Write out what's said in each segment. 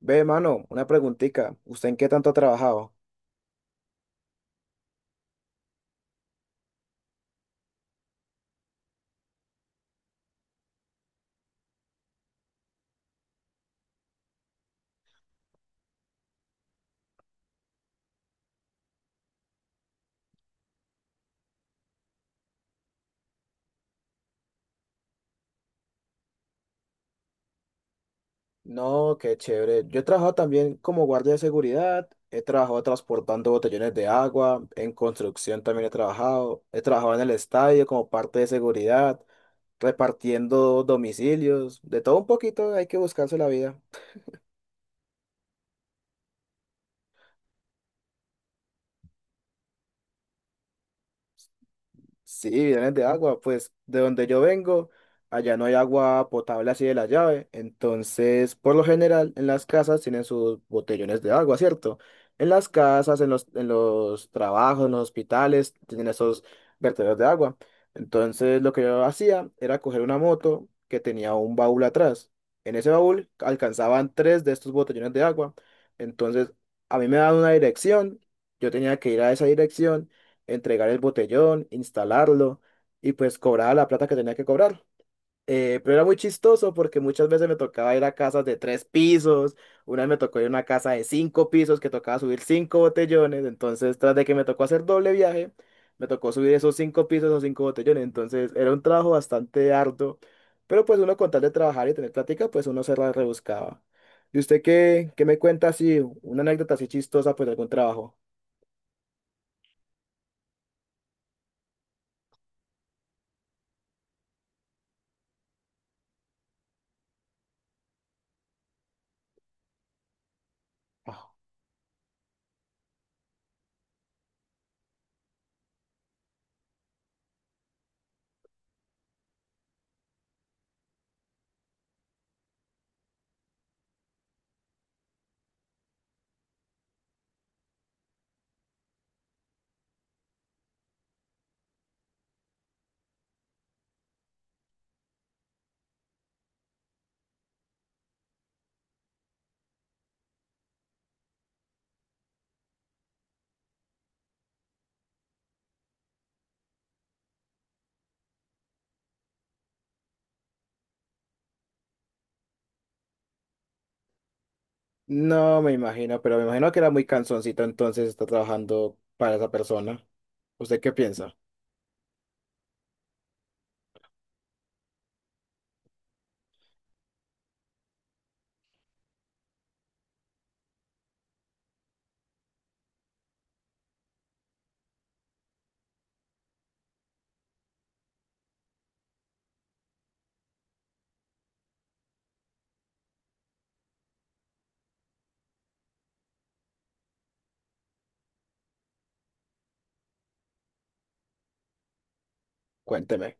Ve, mano, una preguntita. ¿Usted en qué tanto ha trabajado? No, qué chévere. Yo he trabajado también como guardia de seguridad, he trabajado transportando botellones de agua, en construcción también he trabajado en el estadio como parte de seguridad, repartiendo domicilios, de todo un poquito hay que buscarse la vida. Sí, vienen de agua, pues de donde yo vengo, allá no hay agua potable así de la llave, entonces por lo general en las casas tienen sus botellones de agua, ¿cierto? En las casas, en los trabajos, en los hospitales, tienen esos vertederos de agua. Entonces lo que yo hacía era coger una moto que tenía un baúl atrás. En ese baúl alcanzaban tres de estos botellones de agua, entonces a mí me daban una dirección, yo tenía que ir a esa dirección entregar el botellón, instalarlo y pues cobraba la plata que tenía que cobrar. Pero era muy chistoso porque muchas veces me tocaba ir a casas de tres pisos, una vez me tocó ir a una casa de cinco pisos que tocaba subir cinco botellones, entonces tras de que me tocó hacer doble viaje, me tocó subir esos cinco pisos o cinco botellones, entonces era un trabajo bastante arduo, pero pues uno con tal de trabajar y tener plática, pues uno se la rebuscaba. ¿Y usted qué me cuenta así, una anécdota así chistosa pues de algún trabajo? No me imagino, pero me imagino que era muy cansoncito entonces está trabajando para esa persona. ¿Usted qué piensa? Cuénteme.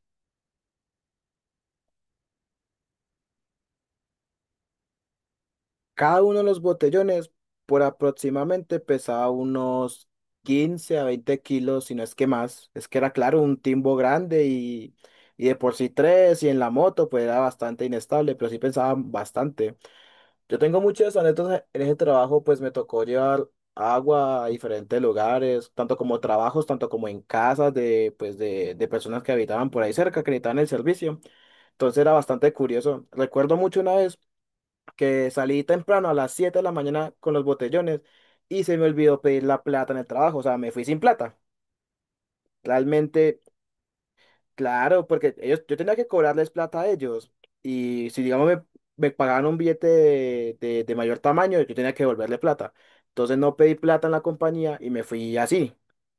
Cada uno de los botellones por aproximadamente pesaba unos 15 a 20 kilos, si no es que más. Es que era claro, un timbo grande y de por sí tres y en la moto pues era bastante inestable, pero sí pesaba bastante. Yo tengo muchas anécdotas en ese trabajo, pues me tocó llevar agua a diferentes lugares, tanto como trabajos, tanto como en casas de, pues de personas que habitaban por ahí cerca, que necesitaban el servicio. Entonces era bastante curioso. Recuerdo mucho una vez que salí temprano a las 7 de la mañana con los botellones y se me olvidó pedir la plata en el trabajo, o sea, me fui sin plata. Realmente. Claro, porque ellos, yo tenía que cobrarles plata a ellos. Y si, digamos, me pagaban un billete de mayor tamaño, yo tenía que devolverle plata. Entonces no pedí plata en la compañía y me fui así,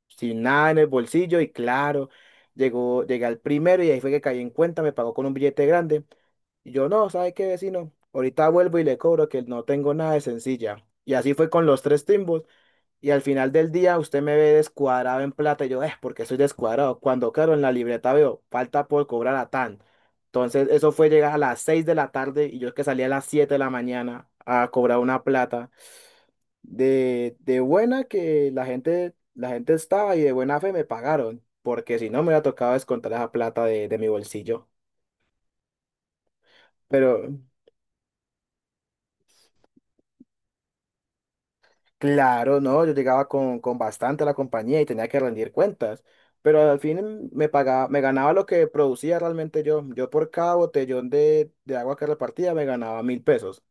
sin nada en el bolsillo. Y claro, llegué al primero y ahí fue que caí en cuenta, me pagó con un billete grande. Y yo, no, ¿sabe qué, vecino? Ahorita vuelvo y le cobro que no tengo nada de sencilla. Y así fue con los tres timbos. Y al final del día usted me ve descuadrado en plata y yo, es porque soy descuadrado. Cuando claro, en la libreta veo, falta por cobrar a tan. Entonces eso fue llegar a las 6 de la tarde y yo que salí a las 7 de la mañana a cobrar una plata de buena que la gente estaba y de buena fe me pagaron, porque si no me hubiera tocado descontar esa plata de mi bolsillo. Pero, Claro, no, yo llegaba con bastante a la compañía y tenía que rendir cuentas, pero al fin me pagaba, me ganaba lo que producía realmente yo. Yo por cada botellón de agua que repartía me ganaba 1000 pesos,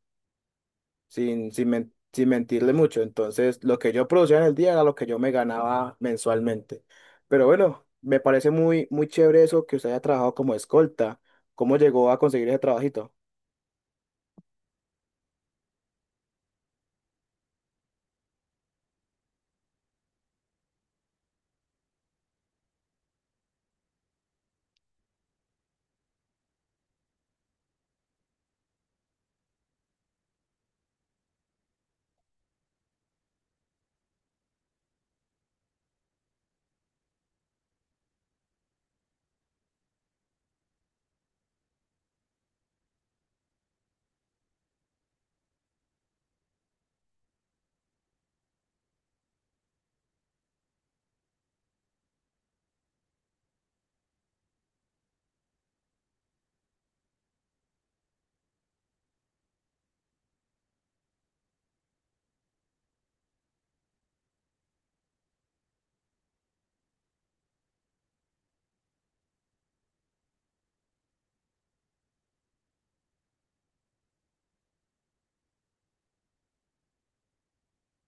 sin mentirle mucho. Entonces, lo que yo producía en el día era lo que yo me ganaba mensualmente. Pero bueno, me parece muy, muy chévere eso que usted haya trabajado como escolta. ¿Cómo llegó a conseguir ese trabajito?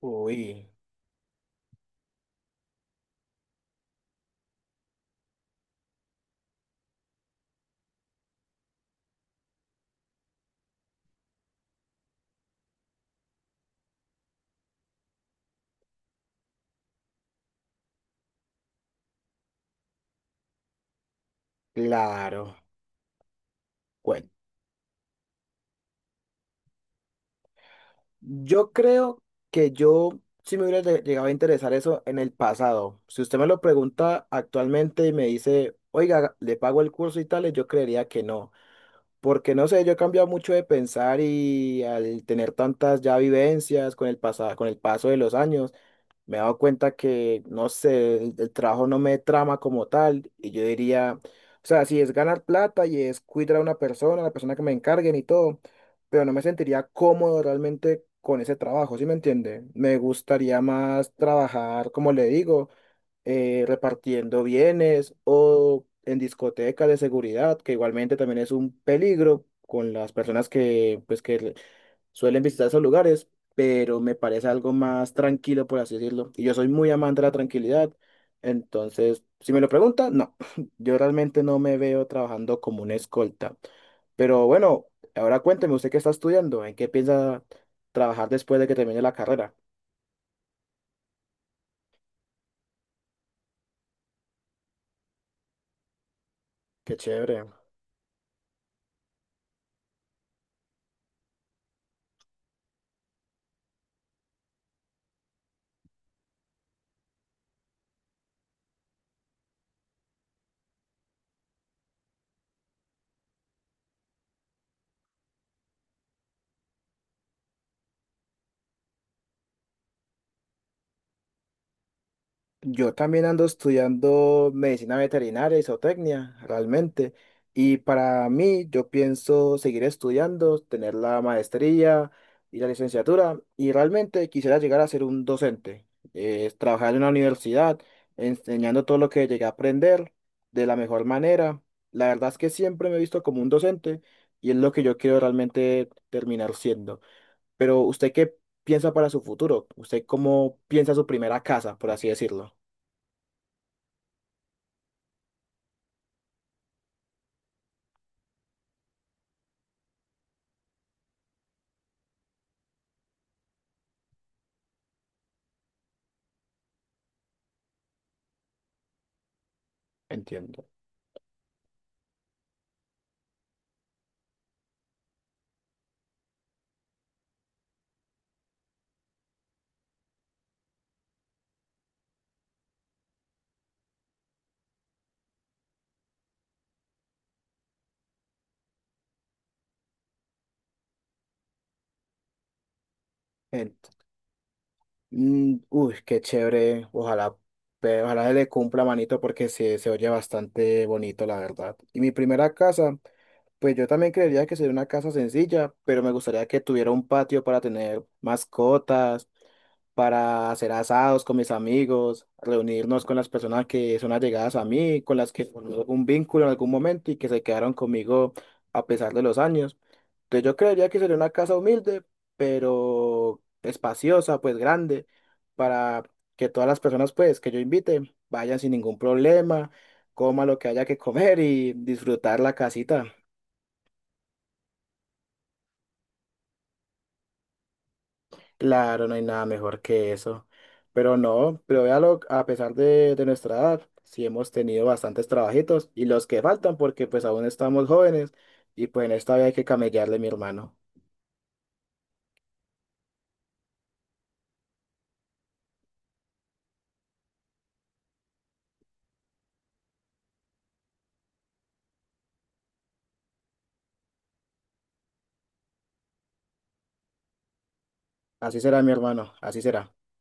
Uy, claro. Yo creo que yo sí me hubiera llegado a interesar eso en el pasado. Si usted me lo pregunta actualmente y me dice, oiga, le pago el curso y tales, yo creería que no. Porque no sé, yo he cambiado mucho de pensar y al tener tantas ya vivencias con el paso de los años, me he dado cuenta que, no sé, el trabajo no me trama como tal. Y yo diría, o sea, si es ganar plata y es cuidar a una persona, la persona que me encarguen y todo, pero no me sentiría cómodo realmente con ese trabajo, ¿sí me entiende? Me gustaría más trabajar, como le digo, repartiendo bienes o en discotecas de seguridad, que igualmente también es un peligro con las personas que suelen visitar esos lugares, pero me parece algo más tranquilo, por así decirlo. Y yo soy muy amante de la tranquilidad, entonces, si me lo preguntan, no, yo realmente no me veo trabajando como una escolta. Pero bueno, ahora cuénteme, usted qué está estudiando, ¿en qué piensa trabajar después de que termine la carrera? Qué chévere. Yo también ando estudiando medicina veterinaria y zootecnia, realmente. Y para mí, yo pienso seguir estudiando, tener la maestría y la licenciatura. Y realmente quisiera llegar a ser un docente, trabajar en una universidad, enseñando todo lo que llegué a aprender de la mejor manera. La verdad es que siempre me he visto como un docente y es lo que yo quiero realmente terminar siendo. Pero ¿usted qué piensa para su futuro? ¿Usted cómo piensa su primera casa, por así decirlo? Entiendo. Ent- Uy, qué chévere. Ojalá se le cumpla manito porque se oye bastante bonito, la verdad. Y mi primera casa, pues yo también creería que sería una casa sencilla, pero me gustaría que tuviera un patio para tener mascotas, para hacer asados con mis amigos, reunirnos con las personas que son allegadas a mí, con las que formé un vínculo en algún momento y que se quedaron conmigo a pesar de los años. Entonces yo creería que sería una casa humilde, pero espaciosa, pues grande, para que todas las personas pues que yo invite vayan sin ningún problema, coman lo que haya que comer y disfrutar la casita. Claro, no hay nada mejor que eso. Pero no, pero véalo, a pesar de nuestra edad, sí hemos tenido bastantes trabajitos y los que faltan porque pues aún estamos jóvenes y pues en esta vida hay que camellarle, mi hermano. Así será, mi hermano, así será.